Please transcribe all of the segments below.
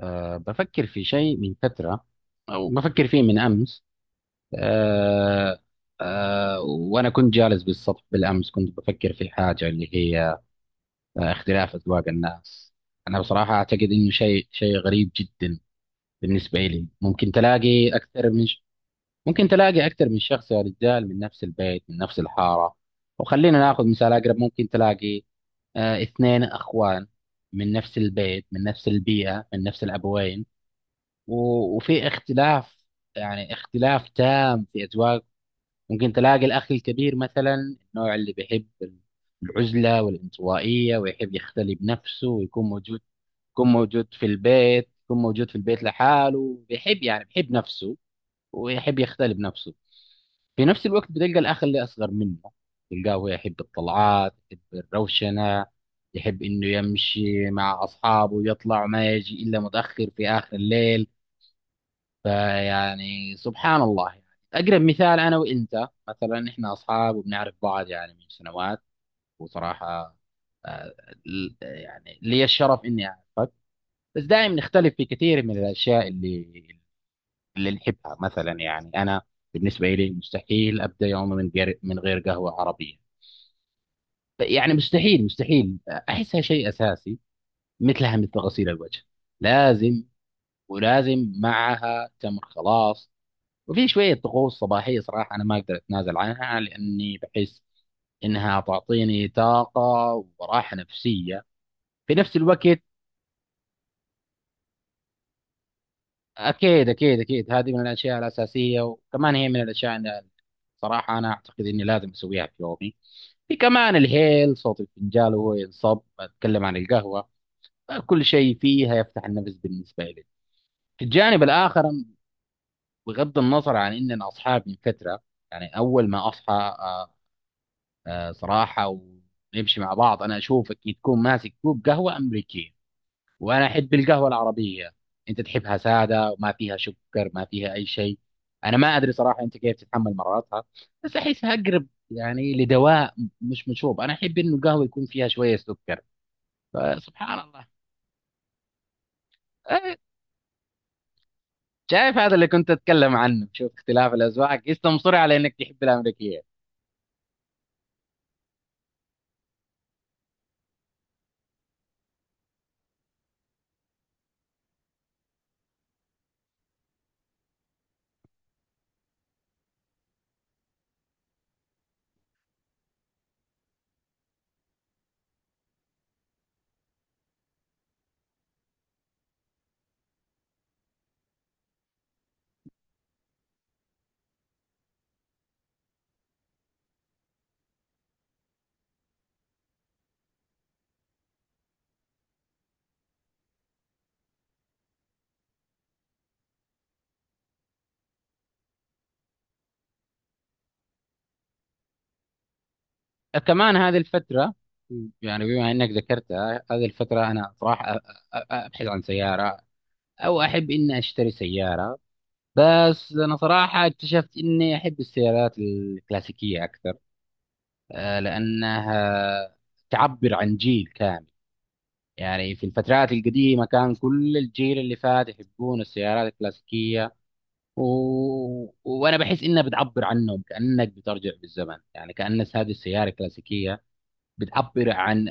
بفكر في شيء من فترة، أو بفكر فيه من أمس. أه أه وأنا كنت جالس بالسطح بالأمس، كنت بفكر في حاجة اللي هي اختلاف أذواق الناس. أنا بصراحة أعتقد إنه شيء غريب جدا. بالنسبة لي ممكن تلاقي أكثر من ممكن تلاقي أكثر من شخص يا رجال، من نفس البيت من نفس الحارة. وخلينا ناخذ مثال أقرب. ممكن تلاقي اثنين أخوان، من نفس البيت من نفس البيئة من نفس الأبوين. وفي اختلاف، يعني اختلاف تام في أذواق. ممكن تلاقي الأخ الكبير مثلا، النوع اللي بيحب العزلة والانطوائية ويحب يختلي بنفسه ويكون موجود، يكون موجود في البيت، يكون موجود في البيت لحاله، بيحب يعني بيحب نفسه ويحب يختلي بنفسه. في نفس الوقت بتلقى الأخ اللي أصغر منه، تلقاه هو يحب الطلعات، يحب الروشنة، يحب إنه يمشي مع أصحابه يطلع ما يجي إلا متأخر في آخر الليل. فيعني سبحان الله يعني. أقرب مثال أنا وأنت، مثلا إحنا أصحاب وبنعرف بعض يعني من سنوات، وصراحة آه، يعني لي الشرف إني أعرفك. بس دائما نختلف في كثير من الأشياء اللي نحبها مثلا. يعني أنا بالنسبة لي مستحيل أبدأ يومي من غير قهوة عربية. يعني مستحيل مستحيل. أحسها شيء أساسي، مثلها مثل غسيل الوجه، لازم. ولازم معها تمر، خلاص. وفي شوية طقوس صباحية، صراحة أنا ما أقدر أتنازل عنها لأني بحس إنها تعطيني طاقة وراحة نفسية في نفس الوقت. أكيد أكيد أكيد، هذه من الأشياء الأساسية، وكمان هي من الأشياء اللي صراحة أنا أعتقد إني لازم أسويها في يومي. في كمان الهيل، صوت الفنجان وهو ينصب، أتكلم عن القهوة. كل شيء فيها يفتح النفس بالنسبة لي. في الجانب الآخر، بغض النظر عن إننا أصحاب من فترة، يعني أول ما أصحى آه، صراحة ونمشي مع بعض، أنا أشوفك تكون ماسك كوب قهوة أمريكية، وأنا أحب القهوة العربية. أنت تحبها سادة، وما فيها سكر، ما فيها أي شيء. أنا ما أدري صراحة أنت كيف تتحمل مرارتها، بس أحسها أقرب يعني لدواء، مش مشروب. أنا أحب إنه القهوة يكون فيها شوية سكر. فسبحان الله. آه، شايف هذا اللي كنت أتكلم عنه، شوف اختلاف الأذواق، قست مصر على إنك تحب الأمريكية. كمان هذه الفترة، يعني بما انك ذكرتها هذه الفترة، انا صراحة ابحث عن سيارة، او احب اني اشتري سيارة. بس انا صراحة اكتشفت اني احب السيارات الكلاسيكية اكثر، لانها تعبر عن جيل كامل. يعني في الفترات القديمة كان كل الجيل اللي فات يحبون السيارات الكلاسيكية، و... وانا بحس انها بتعبر عنهم، كأنك بترجع بالزمن، يعني كأن هذه السيارة الكلاسيكية بتعبر عن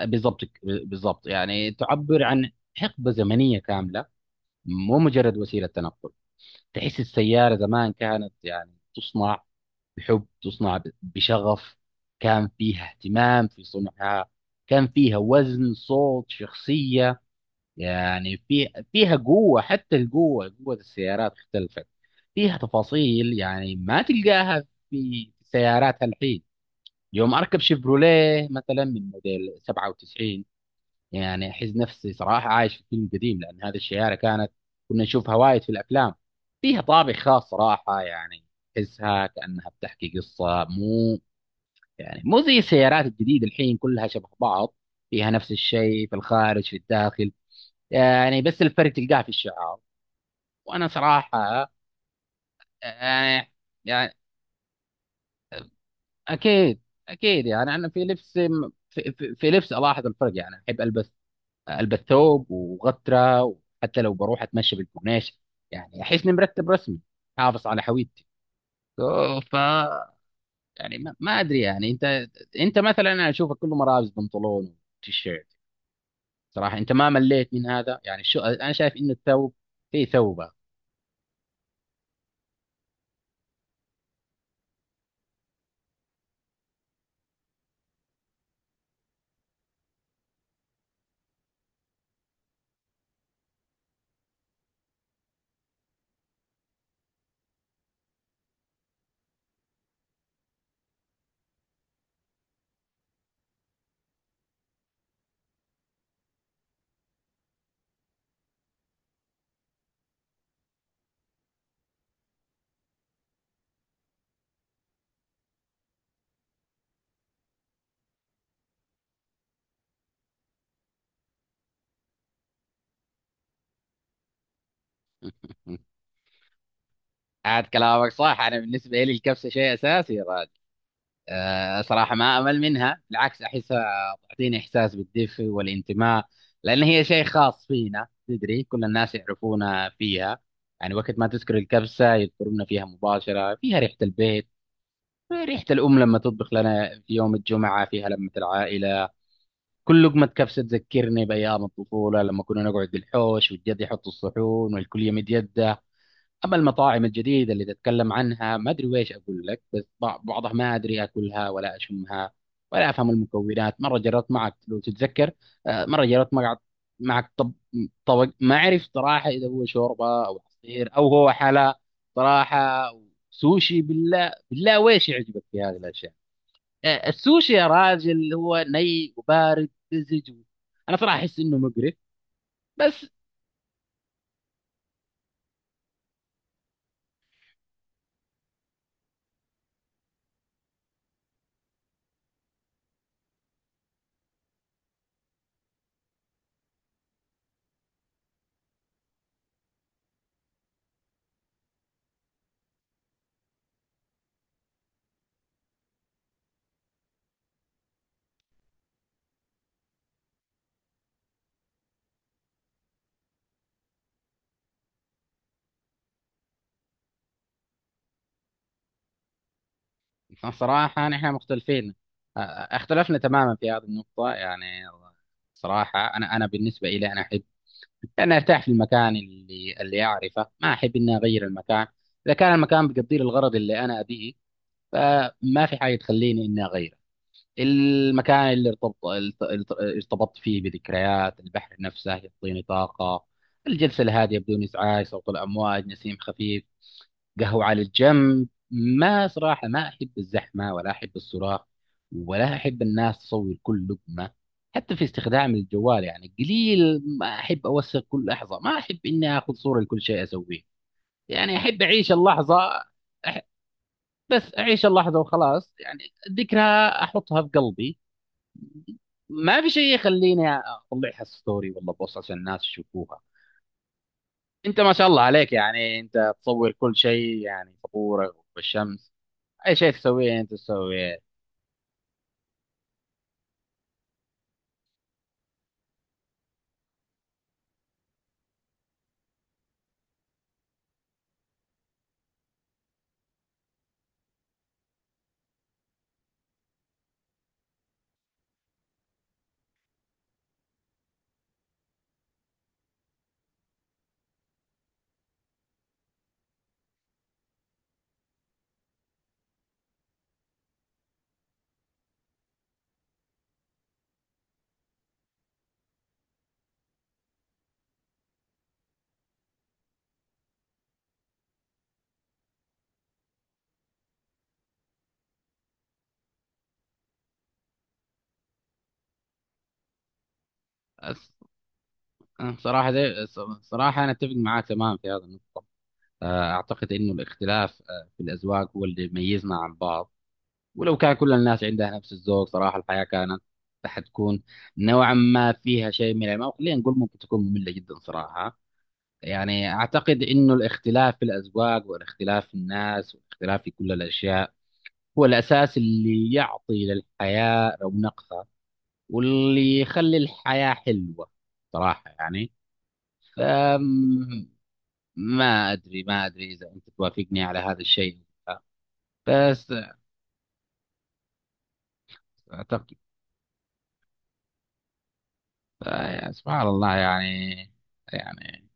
بالضبط بالضبط، يعني تعبر عن حقبة زمنية كاملة، مو مجرد وسيلة تنقل. تحس السيارة زمان كانت يعني تصنع بحب، تصنع بشغف، كان فيها اهتمام في صنعها، كان فيها وزن، صوت، شخصية. يعني فيها قوة، حتى القوة، قوة السيارات اختلفت. فيها تفاصيل يعني ما تلقاها في سيارات الحين. يوم أركب شيفروليه مثلا من موديل 97، يعني احس نفسي صراحه عايش في فيلم قديم، لان هذه الشوارع كانت كنا نشوفها وايد في الافلام. فيها طابع خاص صراحه، يعني تحسها كانها بتحكي قصه، مو زي السيارات الجديده الحين كلها شبه بعض. فيها نفس الشيء في الخارج في الداخل، يعني بس الفرق تلقاه في الشعار. وانا صراحه، يعني يعني اكيد اكيد، يعني انا في لبس، في لبس الاحظ الفرق. يعني احب البس قلب الثوب وغترة، وحتى لو بروح اتمشى بالكورنيش يعني احس اني مرتب، رسمي، حافظ على هويتي. أوه، يعني ما ادري، يعني انت مثلا انا اشوفك كله ملابس بنطلون وتيشيرت. صراحة انت ما مليت من هذا؟ يعني شو، انا شايف ان الثوب فيه ثوبة. عاد كلامك صح، انا بالنسبة لي الكبسة شيء اساسي. صراحة ما أمل منها، بالعكس أحسها تعطيني إحساس بالدفء والانتماء. لأن هي شيء خاص فينا، تدري كل الناس يعرفونا فيها. يعني وقت ما تذكر الكبسة يذكرونا فيها مباشرة، فيها ريحة البيت، ريحة الأم لما تطبخ لنا في يوم الجمعة، فيها لمة العائلة. كل لقمة كبسة تذكرني بأيام الطفولة، لما كنا نقعد بالحوش والجد يحط الصحون والكل يمد يده. اما المطاعم الجديده اللي تتكلم عنها، ما ادري ويش اقول لك، بس بعضها ما ادري اكلها ولا اشمها، ولا افهم المكونات. مره جربت معك لو تتذكر، مره جربت معك طبق، ما اعرف صراحه اذا هو شوربه او عصير او هو حلا. صراحه، سوشي؟ بالله بالله ويش يعجبك في هذه الاشياء؟ السوشي يا راجل، هو ني وبارد، مزج. انا صراحه احس انه مقرف. بس صراحة نحن مختلفين، اختلفنا تماما في هذه النقطة يعني. صراحة أنا بالنسبة إلي، أنا أحب أن أرتاح في المكان اللي أعرفه، ما أحب إني أغير المكان. إذا كان المكان بيقضي لي الغرض اللي أنا أبيه، فما في حاجة تخليني إني أغيره. المكان اللي ارتبطت فيه بذكريات، البحر نفسه يعطيني طاقة، الجلسة الهادئة بدون إزعاج، صوت الأمواج، نسيم خفيف، قهوة على الجنب. ما صراحة ما أحب الزحمة، ولا أحب الصراخ، ولا أحب الناس تصور كل لقمة. حتى في استخدام الجوال يعني قليل، ما أحب أوثق كل لحظة، ما أحب إني آخذ صورة لكل شيء أسويه. يعني أحب أعيش اللحظة. أح- بس أعيش اللحظة وخلاص يعني، ذكرى أحطها في قلبي، ما في شيء يخليني أطلعها ستوري ولا بوست عشان الناس يشوفوها. أنت ما شاء الله عليك، يعني أنت تصور كل شيء، يعني صبورة والشمس، اي شيء تسويه انت تسويه. أس- صراحه دي، صراحه انا اتفق معاك تماما في هذه النقطه. اعتقد انه الاختلاف في الاذواق هو اللي يميزنا عن بعض. ولو كان كل الناس عندها نفس الذوق، صراحه الحياه حتكون نوعا ما فيها شيء من الملل، خلينا نقول ممكن تكون ممله جدا صراحه. يعني اعتقد انه الاختلاف في الاذواق، والاختلاف في الناس، والاختلاف في كل الاشياء هو الاساس اللي يعطي للحياه رونقها، واللي يخلي الحياة حلوة، صراحة يعني. أم، ما أدري إذا أنت توافقني على هذا الشيء، بس أعتقد. سبحان الله يعني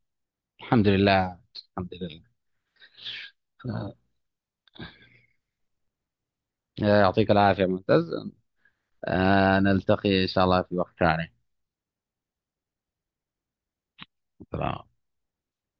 الحمد لله، الحمد لله. يعطيك العافية، ممتاز. نلتقي إن شاء الله في وقت ثاني. سلام.